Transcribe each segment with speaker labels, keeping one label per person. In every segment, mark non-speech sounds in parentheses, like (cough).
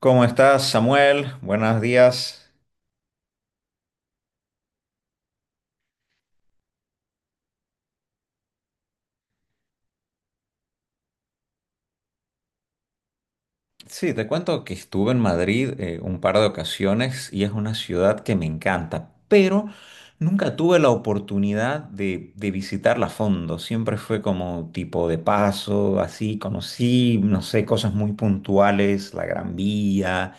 Speaker 1: ¿Cómo estás, Samuel? Buenos días. Sí, te cuento que estuve en Madrid un par de ocasiones y es una ciudad que me encanta, pero nunca tuve la oportunidad de visitarla a fondo. Siempre fue como tipo de paso, así conocí, no sé, cosas muy puntuales, la Gran Vía,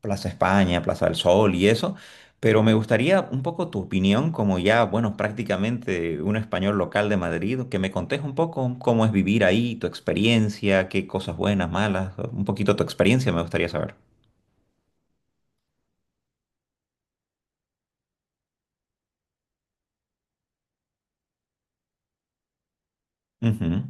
Speaker 1: Plaza España, Plaza del Sol y eso, pero me gustaría un poco tu opinión como ya, bueno, prácticamente un español local de Madrid, que me contes un poco cómo es vivir ahí, tu experiencia, qué cosas buenas, malas, un poquito tu experiencia me gustaría saber. Ujú,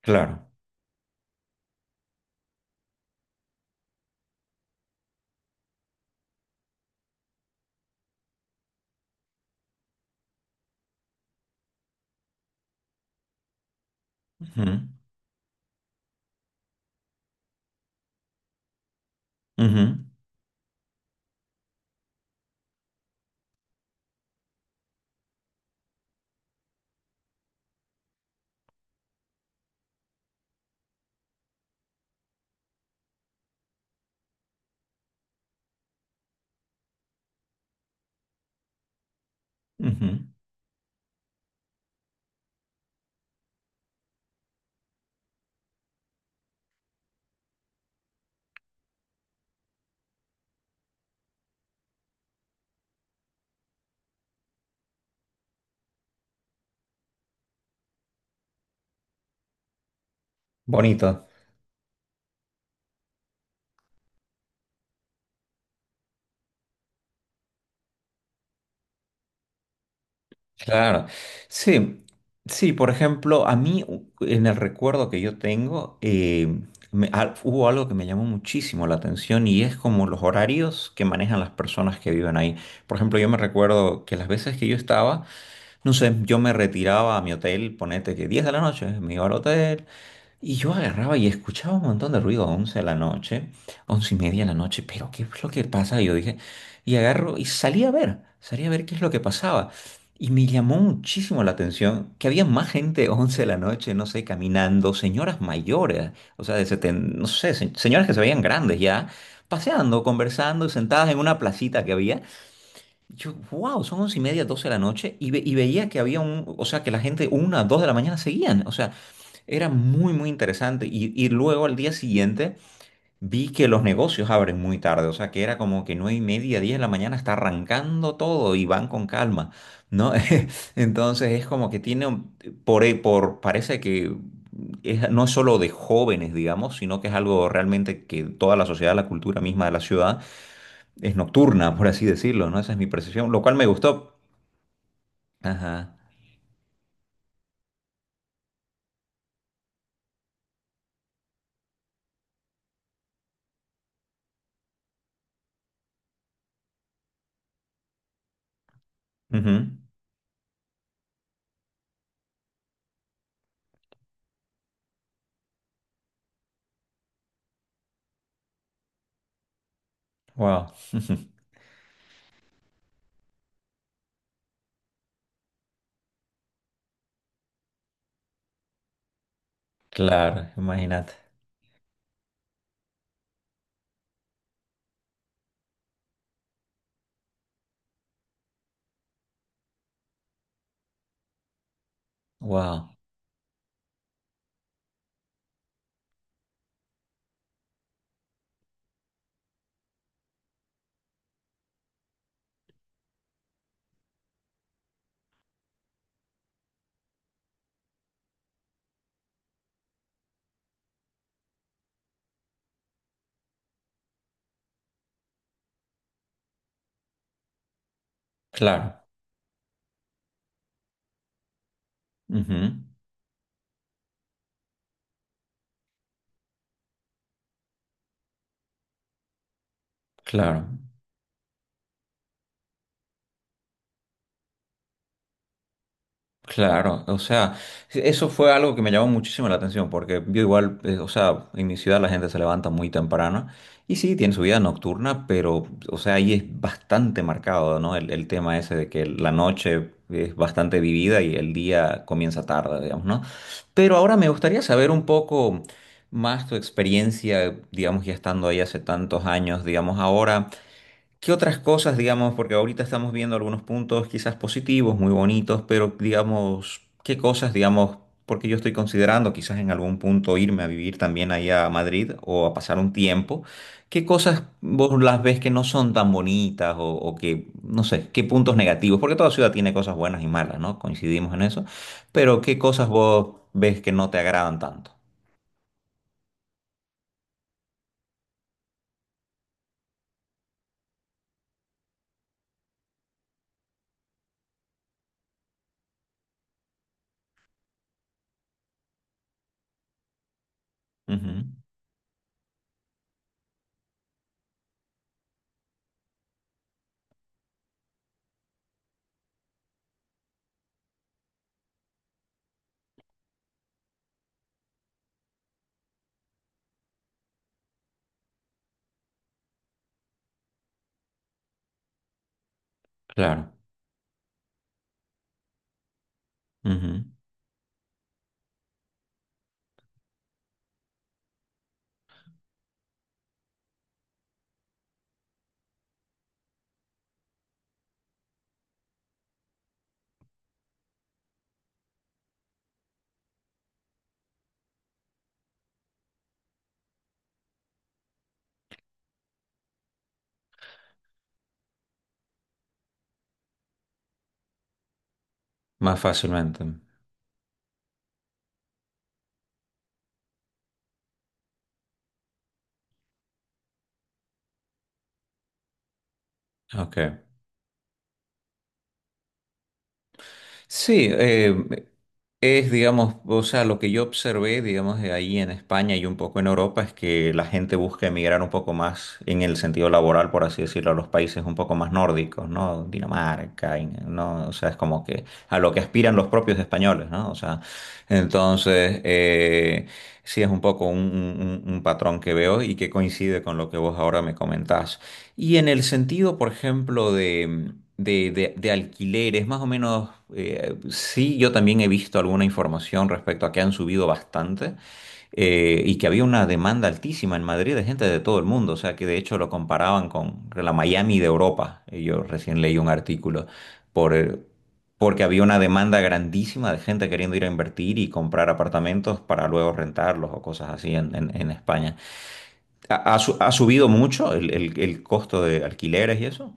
Speaker 1: claro. Ujú, ujú, ujú. Bonito. Claro, sí, sí, por ejemplo, a mí en el recuerdo que yo tengo, hubo algo que me llamó muchísimo la atención y es como los horarios que manejan las personas que viven ahí. Por ejemplo, yo me recuerdo que las veces que yo estaba, no sé, yo me retiraba a mi hotel, ponete que 10 de la noche, me iba al hotel, y yo agarraba y escuchaba un montón de ruido a 11 de la noche, 11 y media de la noche, pero ¿qué es lo que pasa? Y yo dije, y agarro y salí a ver qué es lo que pasaba. Y me llamó muchísimo la atención que había más gente (laughs) 11 de la noche, no sé, caminando, señoras mayores, o sea, de 70, no sé, señoras que se veían grandes ya, paseando, conversando, sentadas en una placita que había. Yo, wow, son 11 y media, 12 de la noche, y, y veía que había un, o sea, que la gente una, dos de la mañana seguían, o sea, era muy, muy interesante. Y luego al día siguiente vi que los negocios abren muy tarde, o sea que era como que nueve y media, 10 de la mañana está arrancando todo y van con calma, ¿no? (laughs) Entonces es como que tiene, por parece que no es solo de jóvenes, digamos, sino que es algo realmente que toda la sociedad, la cultura misma de la ciudad es nocturna, por así decirlo, ¿no? Esa es mi percepción, lo cual me gustó. Ajá. Ujú. Wow. (laughs) Claro, imagínate. Wow. Claro. Ujú, claro, claro. O sea, eso fue algo que me llamó muchísimo la atención porque yo igual, o sea, en mi ciudad la gente se levanta muy temprano y sí, tiene su vida nocturna, pero, o sea, ahí es bastante marcado, ¿no? El tema ese de que la noche es bastante vivida y el día comienza tarde, digamos, ¿no? Pero ahora me gustaría saber un poco más tu experiencia, digamos, ya estando ahí hace tantos años, digamos, ahora. ¿Qué otras cosas, digamos, porque ahorita estamos viendo algunos puntos quizás positivos, muy bonitos, pero digamos, qué cosas, digamos, porque yo estoy considerando quizás en algún punto irme a vivir también ahí a Madrid o a pasar un tiempo, qué cosas vos las ves que no son tan bonitas o que, no sé, qué puntos negativos, porque toda ciudad tiene cosas buenas y malas, ¿no? Coincidimos en eso, pero qué cosas vos ves que no te agradan tanto. Ujú, claro, ujú. Más fácilmente. Ok. Sí, es, digamos, o sea, lo que yo observé, digamos, de ahí en España y un poco en Europa es que la gente busca emigrar un poco más en el sentido laboral, por así decirlo, a los países un poco más nórdicos, ¿no? Dinamarca, ¿no? O sea, es como que a lo que aspiran los propios españoles, ¿no? O sea, entonces, sí es un poco un, un patrón que veo y que coincide con lo que vos ahora me comentás. Y en el sentido, por ejemplo, de alquileres, más o menos, sí, yo también he visto alguna información respecto a que han subido bastante y que había una demanda altísima en Madrid de gente de todo el mundo, o sea que de hecho lo comparaban con la Miami de Europa. Yo recién leí un artículo por, eh, porque había una demanda grandísima de gente queriendo ir a invertir y comprar apartamentos para luego rentarlos o cosas así en España. Ha subido mucho el, el costo de alquileres y eso?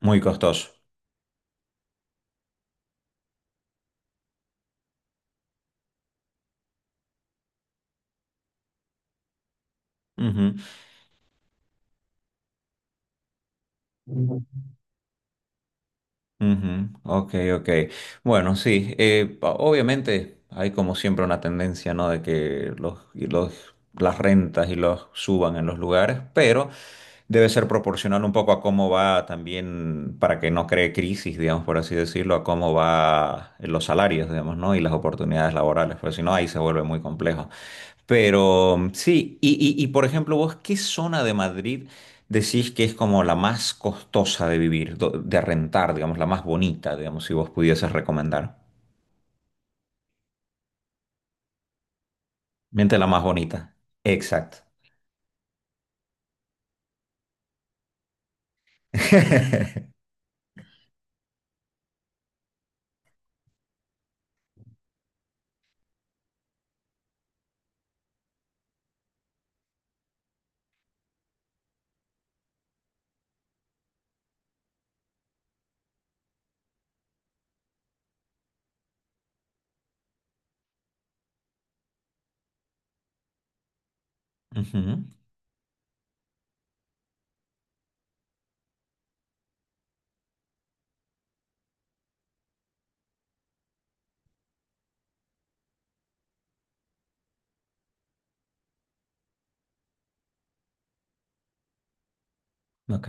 Speaker 1: Muy costoso. Ujú. Ujú, ok, ok. Bueno, sí, obviamente hay como siempre una tendencia, ¿no? De que los, y los, las rentas y los suban en los lugares, pero debe ser proporcional un poco a cómo va también, para que no cree crisis, digamos, por así decirlo, a cómo va los salarios, digamos, ¿no? Y las oportunidades laborales, porque si no, ahí se vuelve muy complejo. Pero sí, y, por ejemplo, vos, ¿qué zona de Madrid decís que es como la más costosa de vivir, de rentar, digamos, la más bonita, digamos, si vos pudieses recomendar? Miente la más bonita. Exacto. (laughs) Ujú, ok,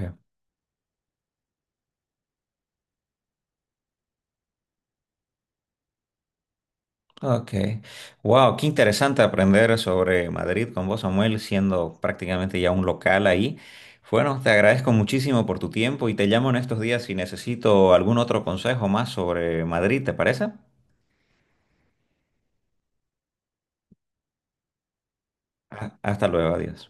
Speaker 1: ok. Wow, qué interesante aprender sobre Madrid con vos, Samuel, siendo prácticamente ya un local ahí. Bueno, te agradezco muchísimo por tu tiempo y te llamo en estos días si necesito algún otro consejo más sobre Madrid, ¿te parece? Ah, hasta luego, adiós.